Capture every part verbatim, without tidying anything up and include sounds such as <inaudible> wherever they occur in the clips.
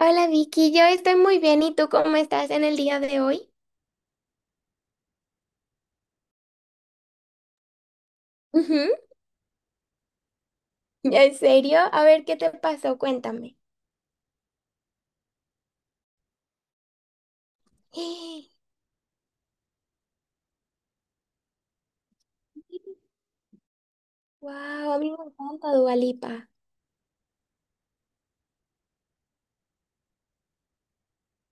Hola Vicky, yo estoy muy bien. ¿Y tú cómo estás en el día de hoy? Ujú. <laughs> ¿En serio? A ver, ¿qué te pasó? Cuéntame. <gasps> Wow, a mí me encanta Dua Lipa.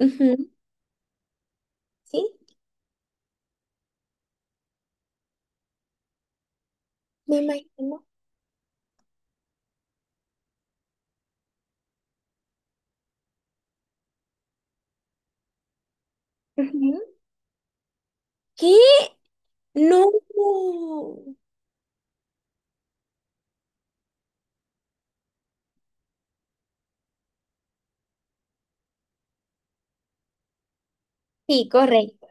Ujú. ¿Sí? Me imagino. Ujú. ¿Qué? No. Sí, correcto.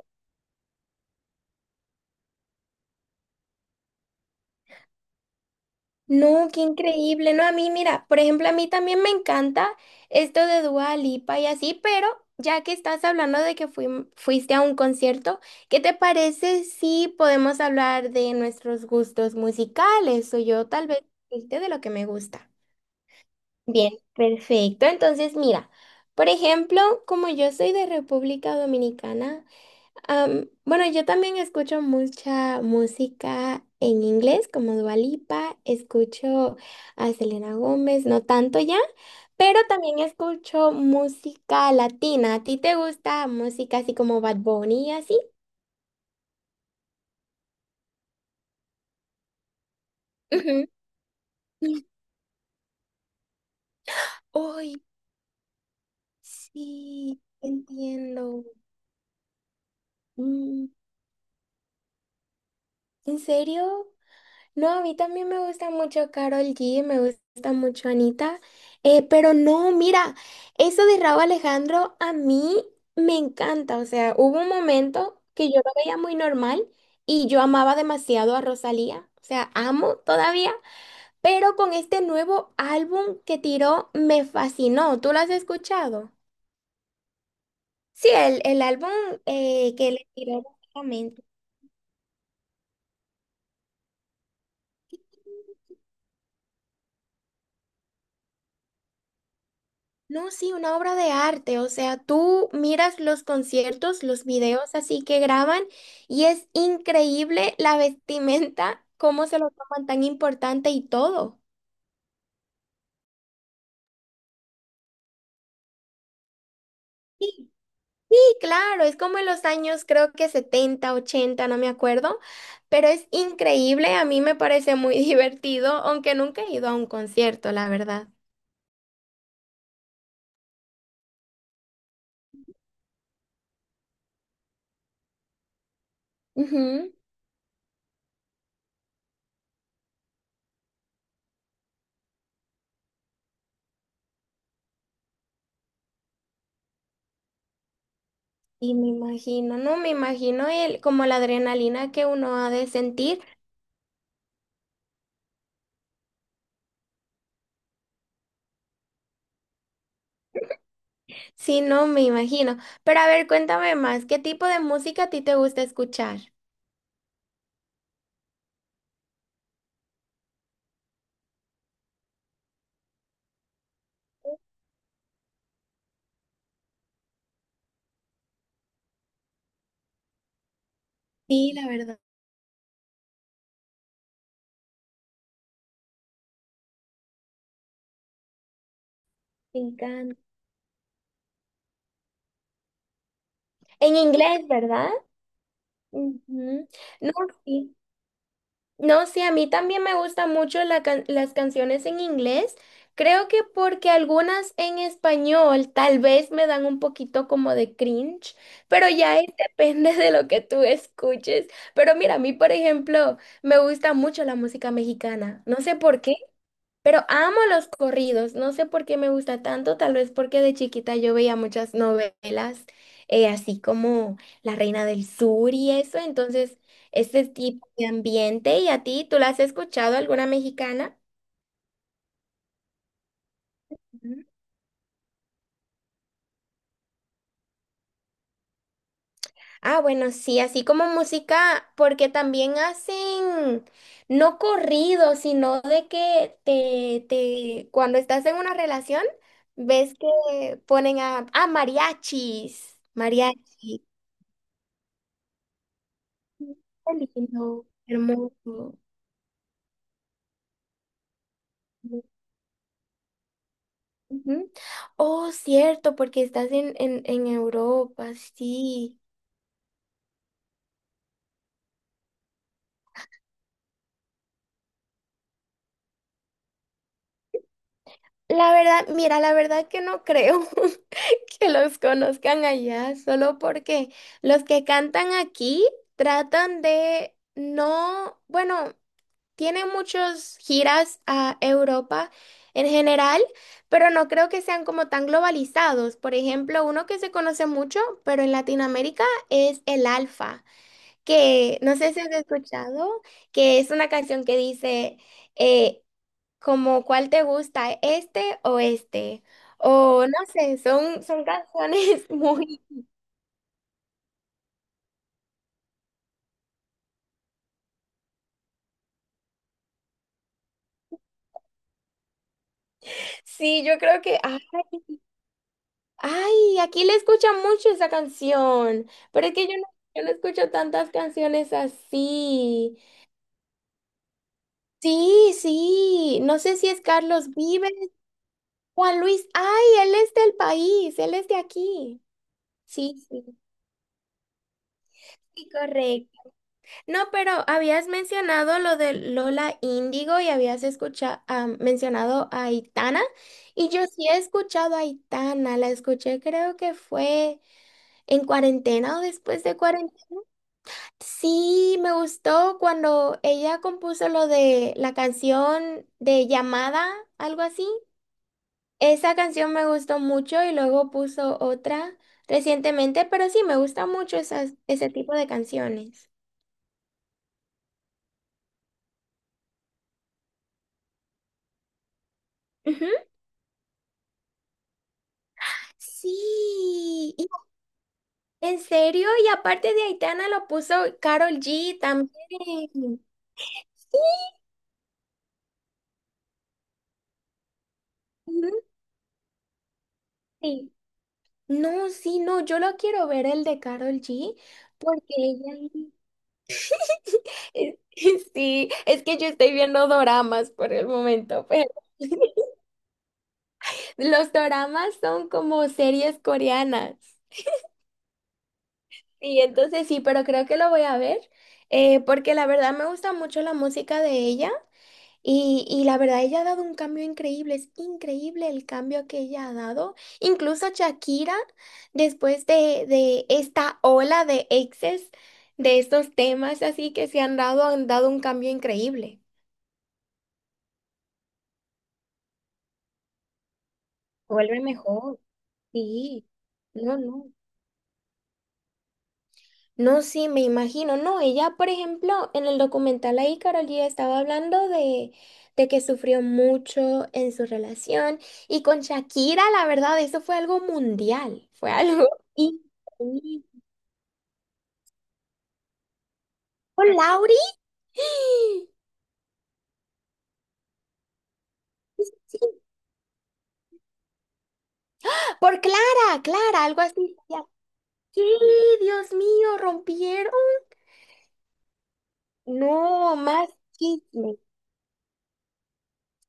No, qué increíble. No, a mí, mira, por ejemplo, a mí también me encanta esto de Dua Lipa y así, pero ya que estás hablando de que fuim- fuiste a un concierto, ¿qué te parece si podemos hablar de nuestros gustos musicales? O yo tal vez decirte de lo que me gusta. Bien, perfecto. Entonces, mira, por ejemplo, como yo soy de República Dominicana, Am, bueno, yo también escucho mucha música en inglés, como Dua Lipa, escucho a Selena Gómez, no tanto ya, pero también escucho música latina. ¿A ti te gusta música así como Bad Bunny y así? Ujú. Uy, sí, entiendo. Mm, ¿en serio? No, a mí también me gusta mucho Karol G, me gusta mucho Anita, eh, pero no, mira, eso de Rauw Alejandro a mí me encanta, o sea, hubo un momento que yo lo veía muy normal y yo amaba demasiado a Rosalía, o sea, amo todavía, pero con este nuevo álbum que tiró me fascinó, ¿tú lo has escuchado? Sí, el, el álbum eh, que le tiró. No, sí, una obra de arte, o sea, tú miras los conciertos, los videos así que graban y es increíble la vestimenta, cómo se lo toman tan importante y todo. Sí, sí, claro, es como en los años creo que setenta ochenta no me acuerdo, pero es increíble, a mí me parece muy <laughs> divertido, aunque nunca he ido a un concierto, la verdad. Ujú. Y me imagino, no me imagino el, como la adrenalina que uno ha de sentir. Sí, no, me imagino. Pero a ver, cuéntame más, ¿qué tipo de música a ti te gusta escuchar? Sí, la verdad, me encanta. En inglés, ¿verdad? Ujú. No, sí. No, sí, a mí también me gustan mucho la can- las canciones en inglés. Creo que porque algunas en español tal vez me dan un poquito como de cringe, pero ya es- <laughs> depende de lo que tú escuches. Pero mira, a mí, por ejemplo, me gusta mucho la música mexicana. No sé por qué. Pero amo los corridos, no sé por qué me gusta tanto, tal vez porque de chiquita yo veía muchas novelas, eh, así como La Reina del Sur y eso, entonces este tipo de ambiente. ¿Y a ti, tú la has escuchado alguna mexicana? Ujú. Ah, bueno, sí, así como música, porque también hacen, no corrido, sino de que te, te, cuando estás en una relación, ves que ponen a, ah, mariachis, mariachis. Qué lindo, hermoso. ¿No? Ujú. Oh, cierto, porque estás en, en, en Europa, sí. La verdad, mira, la verdad que no creo <laughs> que los conozcan allá, solo porque los que cantan aquí tratan de no, bueno. Tiene muchas giras a Europa en general, pero no creo que sean como tan globalizados. Por ejemplo, uno que se conoce mucho, pero en Latinoamérica es el Alfa, que no sé si has escuchado, que es una canción que dice eh, como cuál te gusta, este o este. O no sé, son, son canciones <laughs> muy... Sí, yo creo que, ay, ay, aquí le escuchan mucho esa canción, pero es que yo no, yo no escucho tantas canciones así. Sí, sí, no sé si es Carlos Vives, Juan Luis, ay, él es del país, él es de aquí. Sí, sí, sí, correcto. No, pero habías mencionado lo de Lola Índigo y habías escuchado, mencionado a Aitana, y yo sí he escuchado a Aitana, la escuché creo que fue en cuarentena o después de cuarentena. Sí, me gustó cuando ella compuso lo de la canción de llamada, algo así. Esa canción me gustó mucho y luego puso otra recientemente, pero sí, me gusta mucho esas, ese tipo de canciones. Ujú. Sí, y- en serio, y aparte de Aitana lo puso Karol G también. Sí. Ujú. Sí. No, sí, no, yo lo quiero ver el de Karol G porque ella Es- <laughs> Sí, es que yo estoy viendo doramas por el momento, pero <laughs> los doramas son como series coreanas. Sí, entonces sí, pero creo que lo voy a ver eh, porque la verdad me gusta mucho la música de ella y, y la verdad ella ha dado un cambio increíble, es increíble el cambio que ella ha dado. Incluso Shakira, después de, de esta ola de exes, de estos temas así que se han dado, han dado un cambio increíble. Vuelve mejor. Sí, no, no. No, sí, me imagino. No, ella, por ejemplo, en el documental ahí, Karol G estaba hablando de, de que sufrió mucho en su relación. Y con Shakira, la verdad, eso fue algo mundial. Fue algo <laughs> increíble. ¿Con Lauri? <gasps> Sí, sí. Por Clara, Clara, algo así, decía. Sí, Dios mío, rompieron. No, más chisme.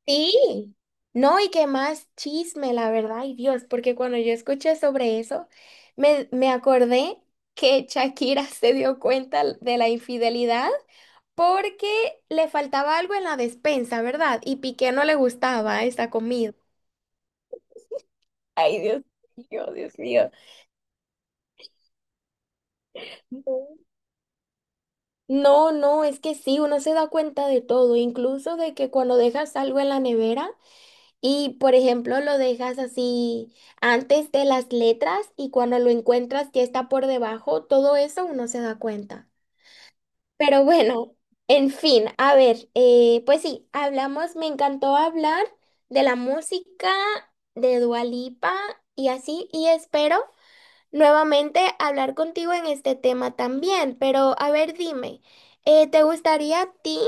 Sí, no, y que más chisme, la verdad, ay Dios, porque cuando yo escuché sobre eso, me, me acordé que Shakira <laughs> se dio cuenta de la infidelidad porque le faltaba algo en la despensa, ¿verdad? Y Piqué no le gustaba esa comida. Ay, Dios mío, Dios mío. No, no, no, es que sí, uno se da cuenta de todo, incluso de que cuando dejas algo en la nevera. Y, por ejemplo, lo dejas así antes de las letras y cuando lo encuentras ya está por debajo, todo eso uno se da cuenta. Pero bueno, en fin, a ver, eh, pues sí, hablamos, me encantó hablar de la música, de Dua Lipa y así, y espero nuevamente hablar contigo en este tema también, pero a ver, dime, eh, ¿te gustaría a ti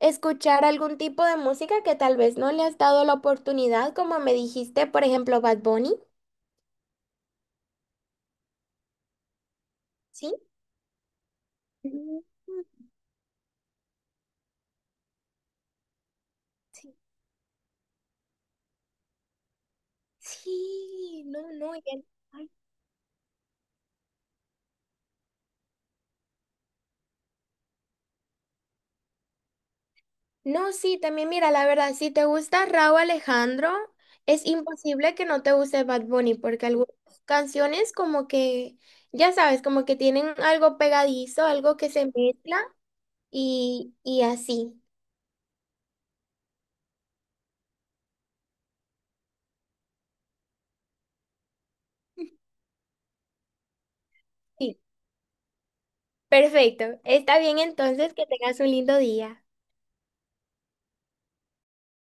escuchar algún tipo de música que tal vez no le has dado la oportunidad, como me dijiste, por ejemplo, Bad Bunny? ¿Sí? Mm, Sí, Sí, no, no, ya- ay, no, sí, también mira, la verdad, si te gusta Rauw Alejandro, es imposible que no te guste Bad Bunny, porque algunas canciones como que, ya sabes, como que tienen algo pegadizo, algo que se mezcla Y, y así. Sí. Perfecto. Está bien entonces que tengas un lindo día.